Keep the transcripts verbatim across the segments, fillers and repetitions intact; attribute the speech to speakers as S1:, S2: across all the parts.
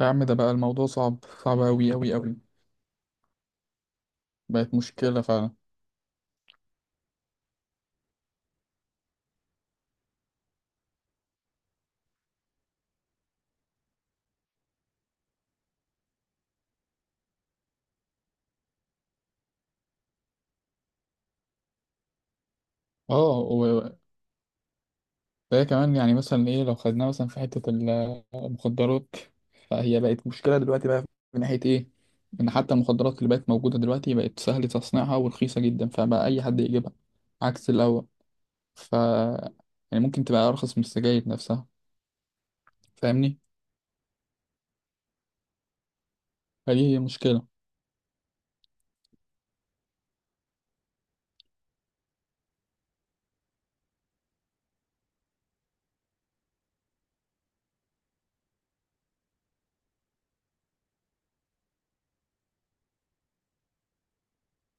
S1: يا عم ده بقى الموضوع صعب، صعب أوي أوي أوي. بقت مشكلة فعلا. اه، وده كمان يعني مثلا ايه لو خدناها مثلا في حتة المخدرات، فهي بقت مشكلة دلوقتي بقى من ناحية ايه، ان حتى المخدرات اللي بقت موجودة دلوقتي بقت سهل تصنيعها ورخيصة جدا فبقى أي حد يجيبها عكس الأول. ف يعني ممكن تبقى أرخص من السجاير نفسها. فاهمني، فدي هي مشكلة.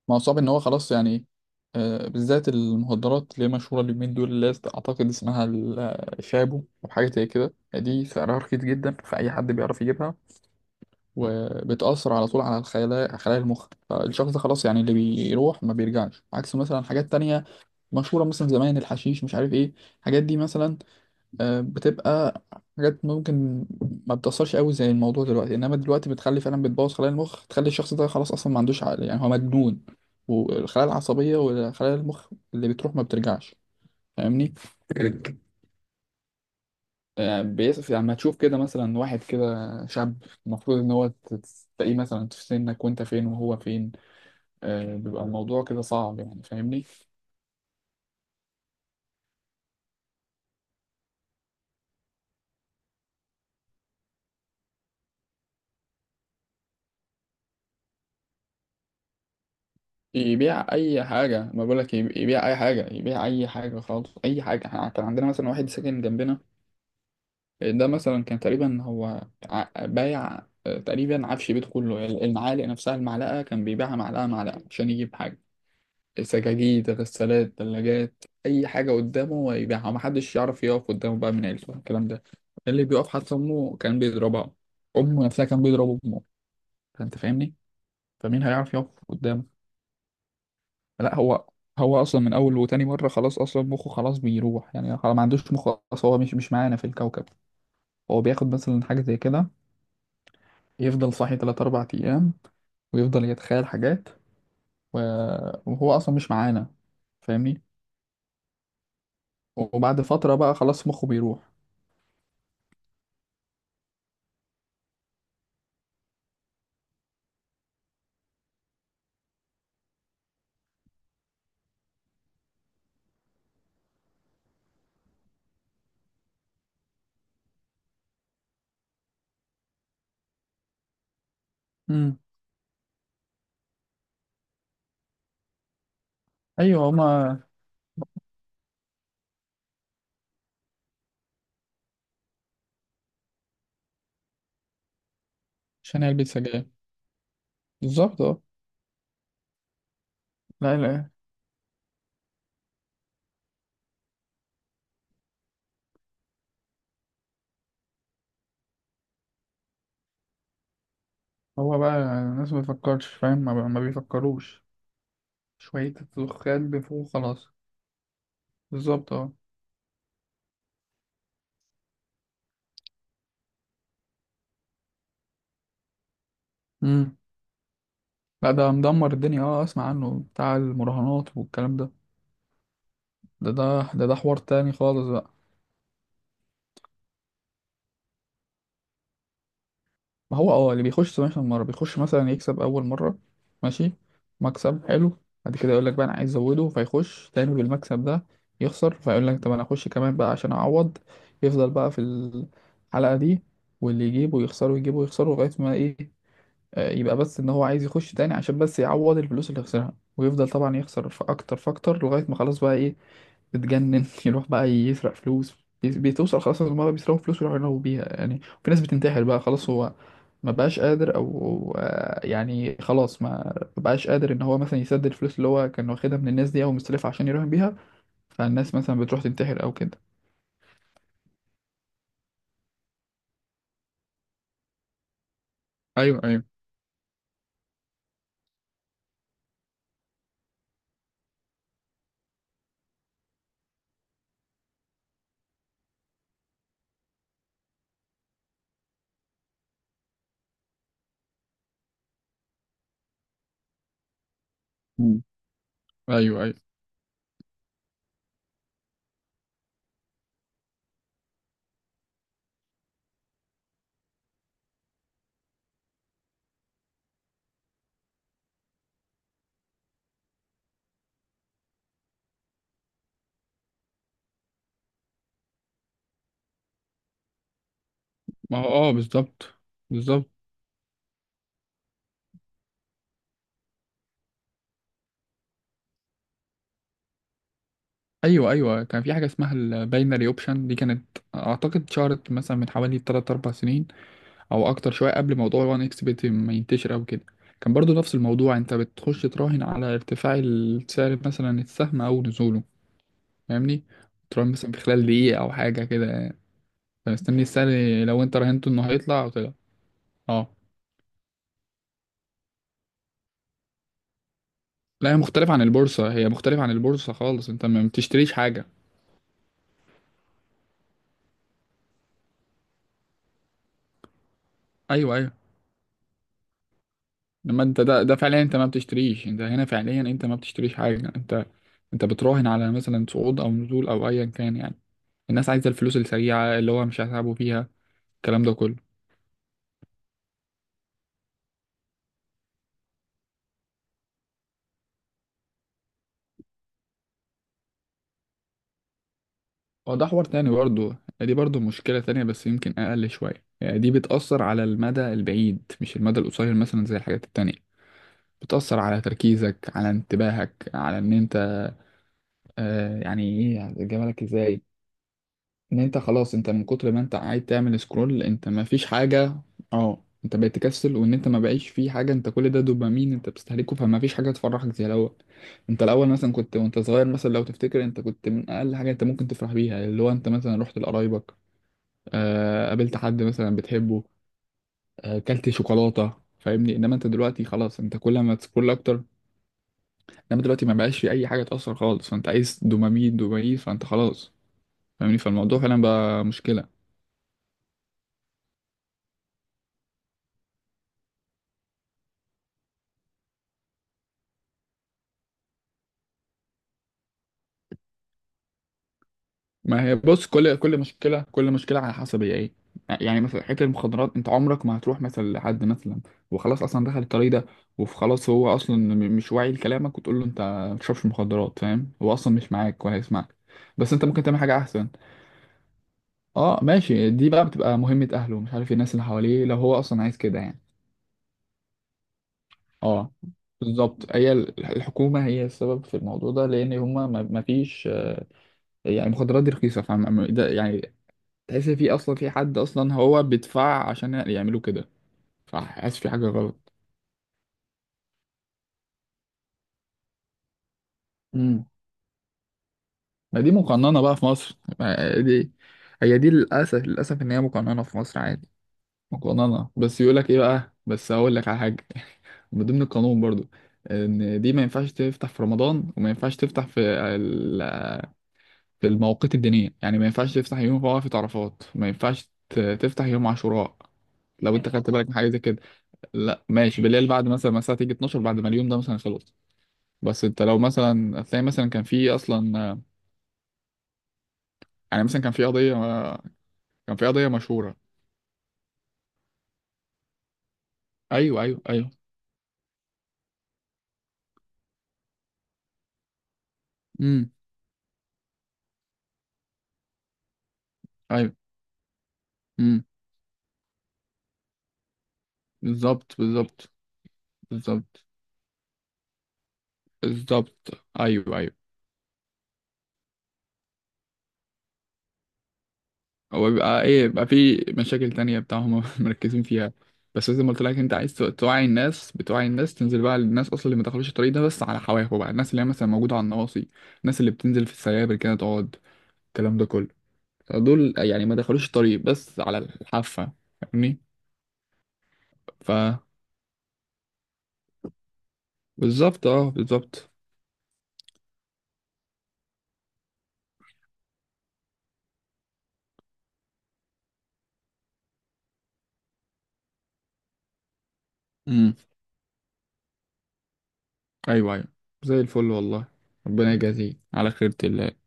S1: ما هو صعب ان هو خلاص يعني آه، بالذات المخدرات اللي هي مشهورة اليومين دول اللي هي اعتقد اسمها ال- آه، شابو او حاجة زي كده، دي سعرها رخيص جدا فأي حد بيعرف يجيبها. وبتأثر على طول على الخلايا، خلايا المخ، فالشخص ده خلاص يعني اللي بيروح ما بيرجعش، عكس مثلا حاجات تانية مشهورة مثلا زمان، الحشيش مش عارف ايه الحاجات دي مثلا، آه، بتبقى حاجات ممكن ما بتأثرش قوي زي الموضوع دلوقتي، انما دلوقتي بتخلي فعلا، بتبوظ خلايا المخ، تخلي الشخص ده خلاص اصلا ما عندوش عقل يعني هو مجنون. والخلايا العصبية وخلايا المخ اللي بتروح ما بترجعش. فاهمني. آه، بيس يعني لما تشوف كده مثلا واحد كده شاب المفروض ان هو تت- تلاقيه مثلا في سنك وانت فين وهو فين، آه، بيبقى الموضوع كده صعب يعني. فاهمني. يبيع اي حاجه، ما بقولك يب- يبيع اي حاجه، يبيع اي حاجه خالص، اي حاجه. إحنا كان عندنا مثلا واحد ساكن جنبنا، ده مثلا كان تقريبا هو ع- بايع آه، تقريبا عفش بيته كله، يعني المعالق نفسها، المعلقة كان بيبيعها معلقة معلقة عشان يجيب حاجة. سجاجيد، غسالات، ثلاجات، أي حاجة قدامه هو يبيعها، ومحدش يعرف يقف قدامه بقى من عيلته، الكلام ده اللي بيقف. حتى أمه كان بيضربها، أمه نفسها كان بيضرب أمه. فأنت فاهمني، فمين هيعرف يقف قدامه؟ لا، هو هو أصلا من أول وتاني مرة خلاص أصلا مخه خلاص بيروح، يعني خلاص ما عندوش مخ أصلا، هو مش مش معانا في الكوكب. هو بياخد مثلا حاجة زي كده، يفضل صاحي تلات أربع أيام ويفضل يتخيل حاجات و... وهو أصلا مش معانا. فاهمني. وبعد فترة بقى خلاص مخه بيروح. امم. أيوه هما. عشان علبة سجاير. بالظبط، اه. لا، لا. هو بقى الناس ما بتفكرش، فاهم، ما, ما بيفكروش. شوية الدخان بيفوق خلاص. بالظبط، اه. امم. لا ده مدمر الدنيا، اه اسمع عنه، بتاع المراهنات والكلام ده. ده ده ده, ده حوار تاني خالص بقى. ما هو اه اللي بيخش سبعتاشر مرة بيخش، مثلا يكسب أول مرة، ماشي، مكسب حلو، بعد كده يقول لك بقى أنا عايز أزوده، فيخش تاني بالمكسب ده، يخسر، فيقول لك طب أنا أخش كمان بقى عشان أعوض، يفضل بقى في الحلقة دي، واللي يجيبه يخسره يجيبه يخسره لغاية ما إيه، آه، يبقى بس إن هو عايز يخش تاني عشان بس يعوض الفلوس اللي خسرها، ويفضل طبعا يخسر في أكتر فأكتر لغاية ما خلاص بقى إيه، بتجنن. يروح بقى يسرق فلوس. بي- بتوصل خلاص إن هما بيسرقوا فلوس ويروحوا ينهبوا بيها، يعني في ناس بتنتحر بقى خلاص، هو ما بقاش قادر او آه، يعني خلاص ما، ما بقاش قادر ان هو مثلا يسدد الفلوس اللي هو كان واخدها من الناس دي او مستلفها عشان يراهن بيها، فالناس مثلا بتروح تنتحر او كده. ايوه ايوه. مم. ايوه ايوه. ما هو اه بالظبط، بالظبط. ايوه ايوه، كان في حاجه اسمها الباينري اوبشن، دي كانت اعتقد شهرت مثلا من حوالي تلاتة أربعة سنين، او اكتر شويه قبل موضوع وان اكس بت ما ينتشر او كده. كان برضو نفس الموضوع، انت بتخش تراهن على ارتفاع السعر مثلا السهم او نزوله. فاهمني، تراهن مثلا في خلال دقيقه او حاجه كده، فمستني السعر لو انت راهنته انه هيطلع او طلع. اه. لا هي مختلفه عن البورصه، هي مختلفه عن البورصه خالص، انت ما بتشتريش حاجه. ايوه ايوه. لما انت ده ده فعليا انت ما بتشتريش، انت هنا فعليا انت ما بتشتريش حاجه، انت انت بتراهن على مثلا صعود او نزول او ايا كان، يعني الناس عايزه الفلوس السريعه اللي هو مش هيتعبوا فيها، الكلام ده كله. اه ده حوار تاني برضه، دي برضه مشكلة تانية بس يمكن أقل شوية، يعني دي بتأثر على المدى البعيد مش المدى القصير مثلا زي الحاجات التانية. بتأثر على تركيزك، على انتباهك، على إن أنت، آه يعني إيه، هجيبها لك إزاي، ان انت خلاص انت من كتر ما انت قاعد تعمل سكرول، انت ما فيش حاجة. اه انت بقيت تكسل، وان انت ما بقيش فيه حاجة، انت كل ده دوبامين انت بتستهلكه، فما فيش حاجة تفرحك زي الاول. انت الاول مثلا كنت وانت صغير، مثلا لو تفتكر انت كنت من اقل حاجة انت ممكن تفرح بيها، اللي هو انت مثلا رحت لقرايبك، آه قابلت حد مثلا بتحبه، آه كلت شوكولاتة. فاهمني، انما انت دلوقتي خلاص انت كل ما تسكرول اكتر. انما دلوقتي ما بقاش في اي حاجة تأثر خالص، فانت عايز دوبامين دوبامين، فانت خلاص. فاهمني، فالموضوع فعلا بقى مشكلة. ما هي بص، كل كل مشكله، كل مشكله على حسب هي ايه، يعني مثلا حته المخدرات، انت عمرك ما هتروح مثلا لحد مثلا وخلاص اصلا دخل الطريق ده، وخلاص هو اصلا م- مش واعي لكلامك، وتقول له انت ما بتشربش مخدرات، فاهم؟ هو اصلا مش معاك ولا هيسمعك. بس انت ممكن تعمل حاجه احسن، اه ماشي، دي بقى بتبقى مهمه اهله مش عارف إيه، الناس اللي حواليه لو هو اصلا عايز كده يعني. اه بالظبط، هي ال- الحكومه هي السبب في الموضوع ده، لان هما ما ما فيش، يعني المخدرات دي رخيصه، فاهم ده يعني، تحس في اصلا، في حد اصلا هو بيدفع عشان يعملوا كده، فحاسس في حاجه غلط. امم. ما دي مقننه بقى في مصر، ما دي هي دي للاسف، للاسف ان هي مقننه في مصر عادي، مقننه. بس يقول لك ايه بقى، بس هقول لك على حاجه. من ضمن القانون برضو ان دي ما ينفعش تفتح في رمضان، وما ينفعش تفتح في ال- في المواقيت الدينيه، يعني ما ينفعش تفتح يوم وقفة عرفات، ما ينفعش ت- تفتح يوم عاشوراء. لو انت خدت بالك من حاجه زي كده. لا ماشي، بالليل بعد مثلا ما الساعه تيجي اتناشر، بعد ما اليوم ده مثلا خلص. بس انت لو مثلا هتلاقي مثلا كان في اصلا آه، يعني مثلا كان في قضيه آه، كان في قضيه مشهوره. ايوه ايوه ايوه. امم. ايوه. امم. بالظبط بالظبط. بالظبط بالظبط. ايوه ايوه. هو بيبقى ايه، بيبقى في مشاكل تانية بتاعهم مركزين فيها. بس زي ما قلت لك، انت عايز توعي الناس، بتوعي الناس، تنزل بقى للناس اصلا اللي ما دخلوش الطريق ده بس على حواف بقى، الناس اللي هي مثلا موجوده على النواصي، الناس اللي بتنزل في السيابر كده تقعد، الكلام ده كله. دول يعني ما دخلوش الطريق بس على الحافة. فاهمني. ف بالظبط اه، بالظبط. امم. ايوه ايوه، زي الفل والله. ربنا يجازيك على خيرة ال